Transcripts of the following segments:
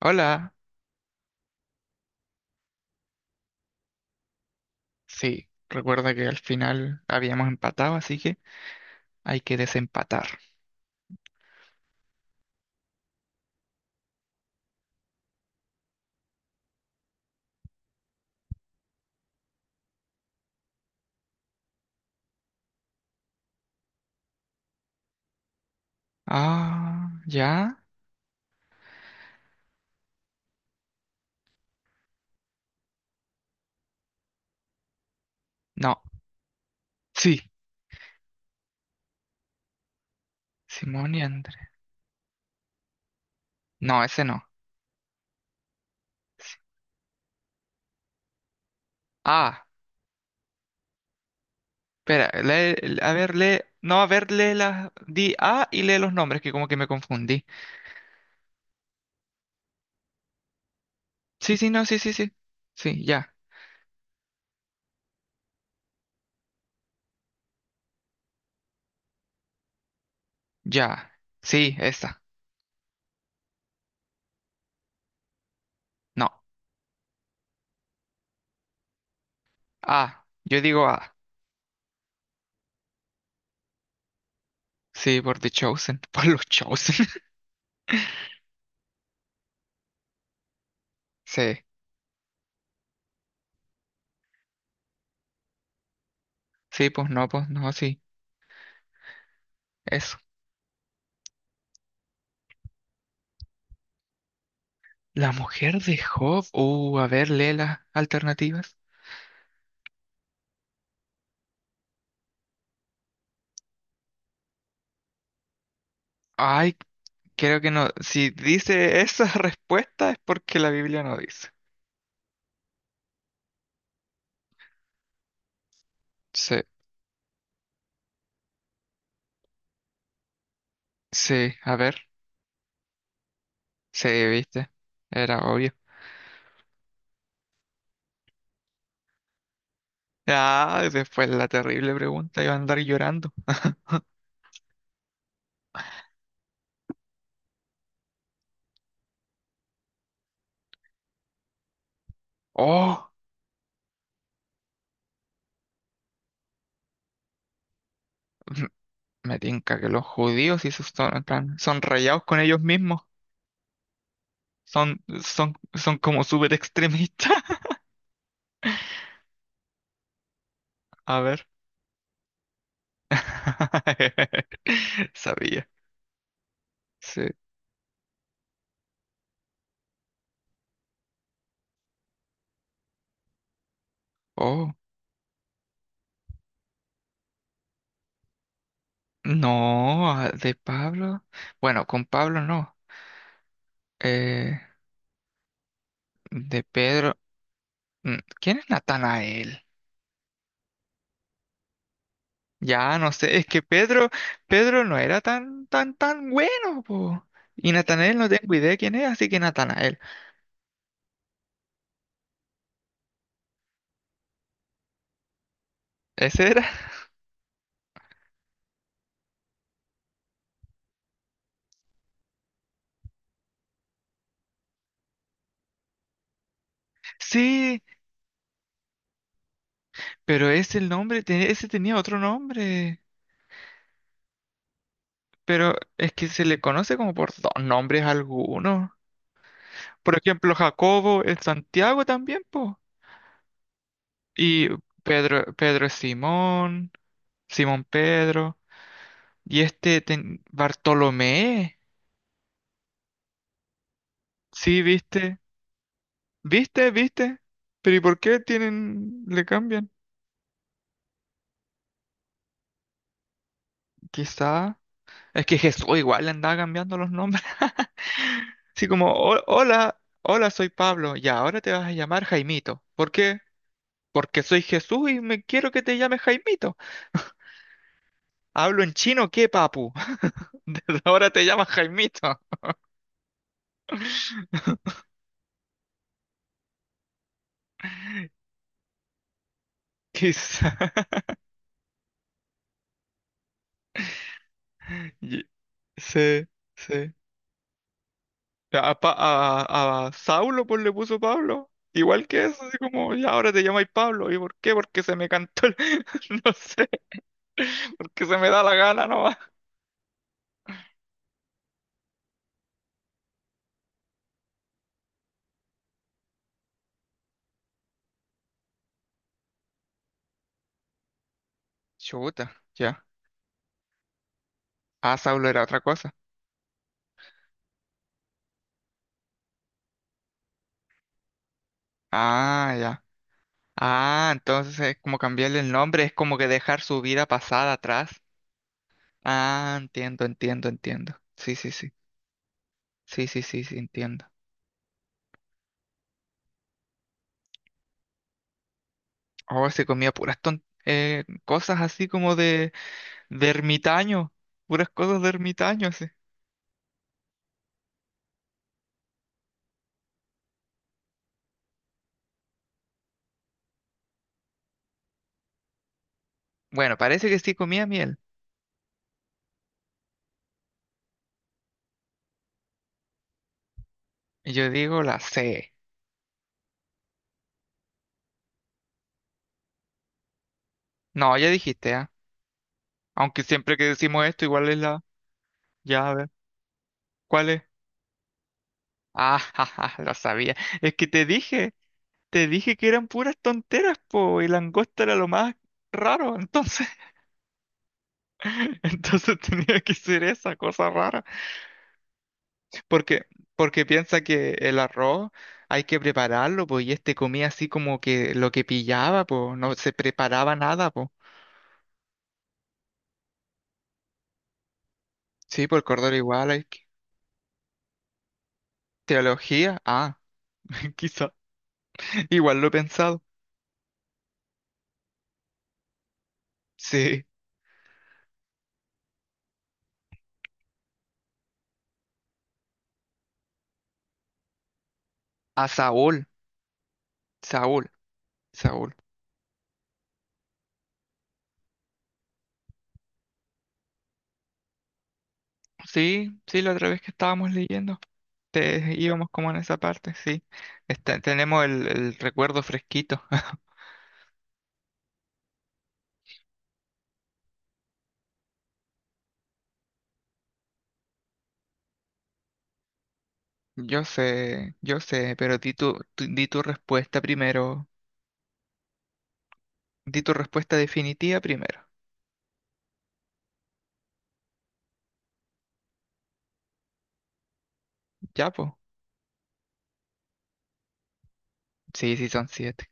Hola, sí, recuerda que al final habíamos empatado, así que hay que desempatar. Ah, ¿ya? No, sí, Simón y Andrés. No, ese no. Sí. Ah, espera, a ver, lee, no, a ver, lee las, di A y lee los nombres, que como que me confundí. Sí, sí, no, sí, sí, sí, sí, ya, ya, sí, esta, no, A, yo digo A. Sí, por The Chosen, por los Chosen. Sí, sí, pues no, sí. Eso. La mujer de Job. A ver, lee las alternativas. Ay, creo que no. Si dice esa respuesta es porque la Biblia no dice. Sí, sí, a ver. Sí, viste. Era obvio. Ah, después la terrible pregunta iba a andar llorando. Oh, m- me tinca que los judíos y sus son, en plan, son rayados con ellos mismos. Son como súper extremistas. A ver. Sabía. Sí. Oh. No, ah, de Pablo. Bueno, con Pablo no. Eh, de Pedro. ¿Quién es Natanael? Ya no sé, es que Pedro, no era tan, tan, tan bueno, po. Y Natanael no tengo idea quién es, así que Natanael. ¿Ese era? Sí, pero ese el nombre, ese tenía otro nombre. Pero es que se le conoce como por dos nombres algunos. Por ejemplo, Jacobo es Santiago también, po. Y Pedro es Simón, Simón Pedro. Y este Bartolomé. Sí, viste. ¿Viste? ¿Viste? Pero ¿y por qué tienen, le cambian? Quizá. Es que Jesús igual le andaba cambiando los nombres. Así como, hola, hola, soy Pablo. Y ahora te vas a llamar Jaimito. ¿Por qué? Porque soy Jesús y me quiero que te llames Jaimito. Hablo en chino, ¿qué, papu? Desde ahora te llamas Jaimito." Quizá. y- Sí, sí. A, a Saulo pues le puso Pablo. Igual que eso, así como, ya ahora te llamáis Pablo. ¿Y por qué? Porque se me cantó No sé, porque se me da la gana nomás. Chuta, ya. Ah, Saulo era otra cosa. Ah, ya. Ah, entonces es como cambiarle el nombre, es como que dejar su vida pasada atrás. Ah, entiendo, entiendo, entiendo. Sí, sí, sí. Sí, sí, sí, sí, entiendo. Oh, se comía puras cosas así como de ermitaño, puras cosas de ermitaño, así. Bueno, parece que sí comía miel. Y yo digo la C. No, ya dijiste, ¿ah? Aunque siempre que decimos esto, igual es la. Ya, a ver, ¿cuál es? Ah, jaja, lo sabía. Es que te dije que eran puras tonteras, po, y langosta era lo más raro, entonces, entonces tenía que ser esa cosa rara. Porque, porque piensa que el arroz hay que prepararlo, pues, y este comía así como que lo que pillaba, pues, no se preparaba nada, pues. Sí, por el cordero igual hay que. Teología, quizá. Igual lo he pensado. Sí, a Saúl, Saúl, Saúl. Sí, sí, la otra vez que estábamos leyendo, íbamos como en esa parte, sí. Tenemos el, recuerdo fresquito. Yo sé, pero di tu, di tu respuesta primero. Di tu respuesta definitiva primero. Ya, pues. Sí, sí, son siete.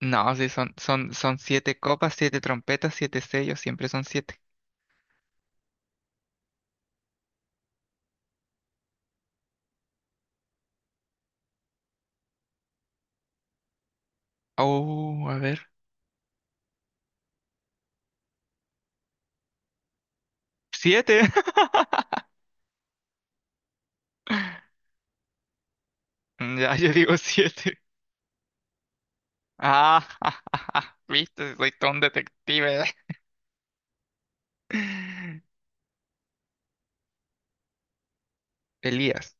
No, sí, son siete copas, siete trompetas, siete sellos, siempre son siete. Oh, a ver. ¡Siete! Ya, yo digo siete. Ah, viste, soy todo un detective. Elías.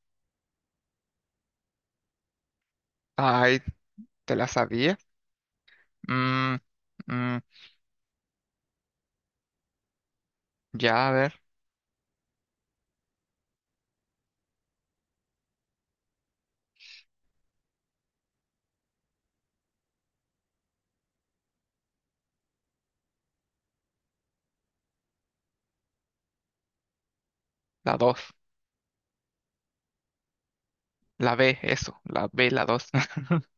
Ay, ¿te la sabía? Mm, mm, ya, a ver. La dos. La B, eso. La B, la dos.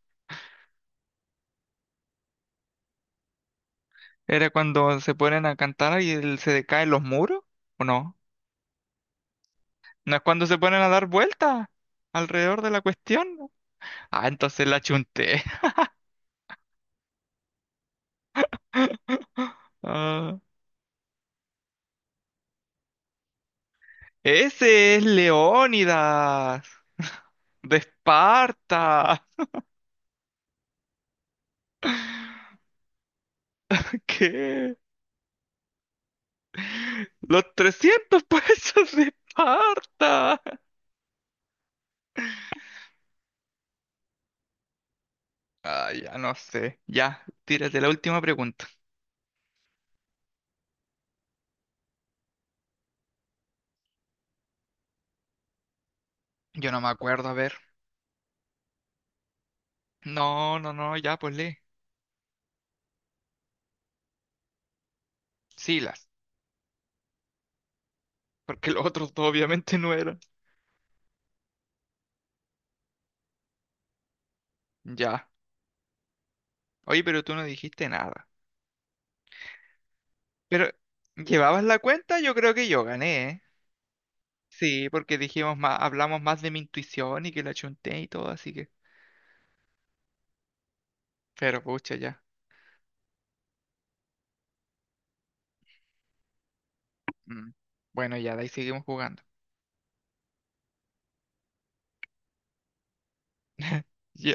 ¿Era cuando se ponen a cantar y se decaen los muros? ¿O no? No es cuando se ponen a dar vueltas alrededor de la cuestión. Ah, entonces la chunté. Ah, ese es Leónidas de Esparta. ¿Qué? Los 300 pesos de Esparta. Ah, ya no sé. Ya, tírate la última pregunta. Yo no me acuerdo, a ver. No, no, no, ya, pues lee. Silas, porque los otros dos obviamente no eran. Ya. Oye, pero tú no dijiste nada. Pero, ¿llevabas la cuenta? Yo creo que yo gané, ¿eh? Sí, porque dijimos más, hablamos más de mi intuición y que la chunté y todo, así que. Pero pucha, ya. Mm. Bueno, ya, de ahí seguimos jugando. Ya.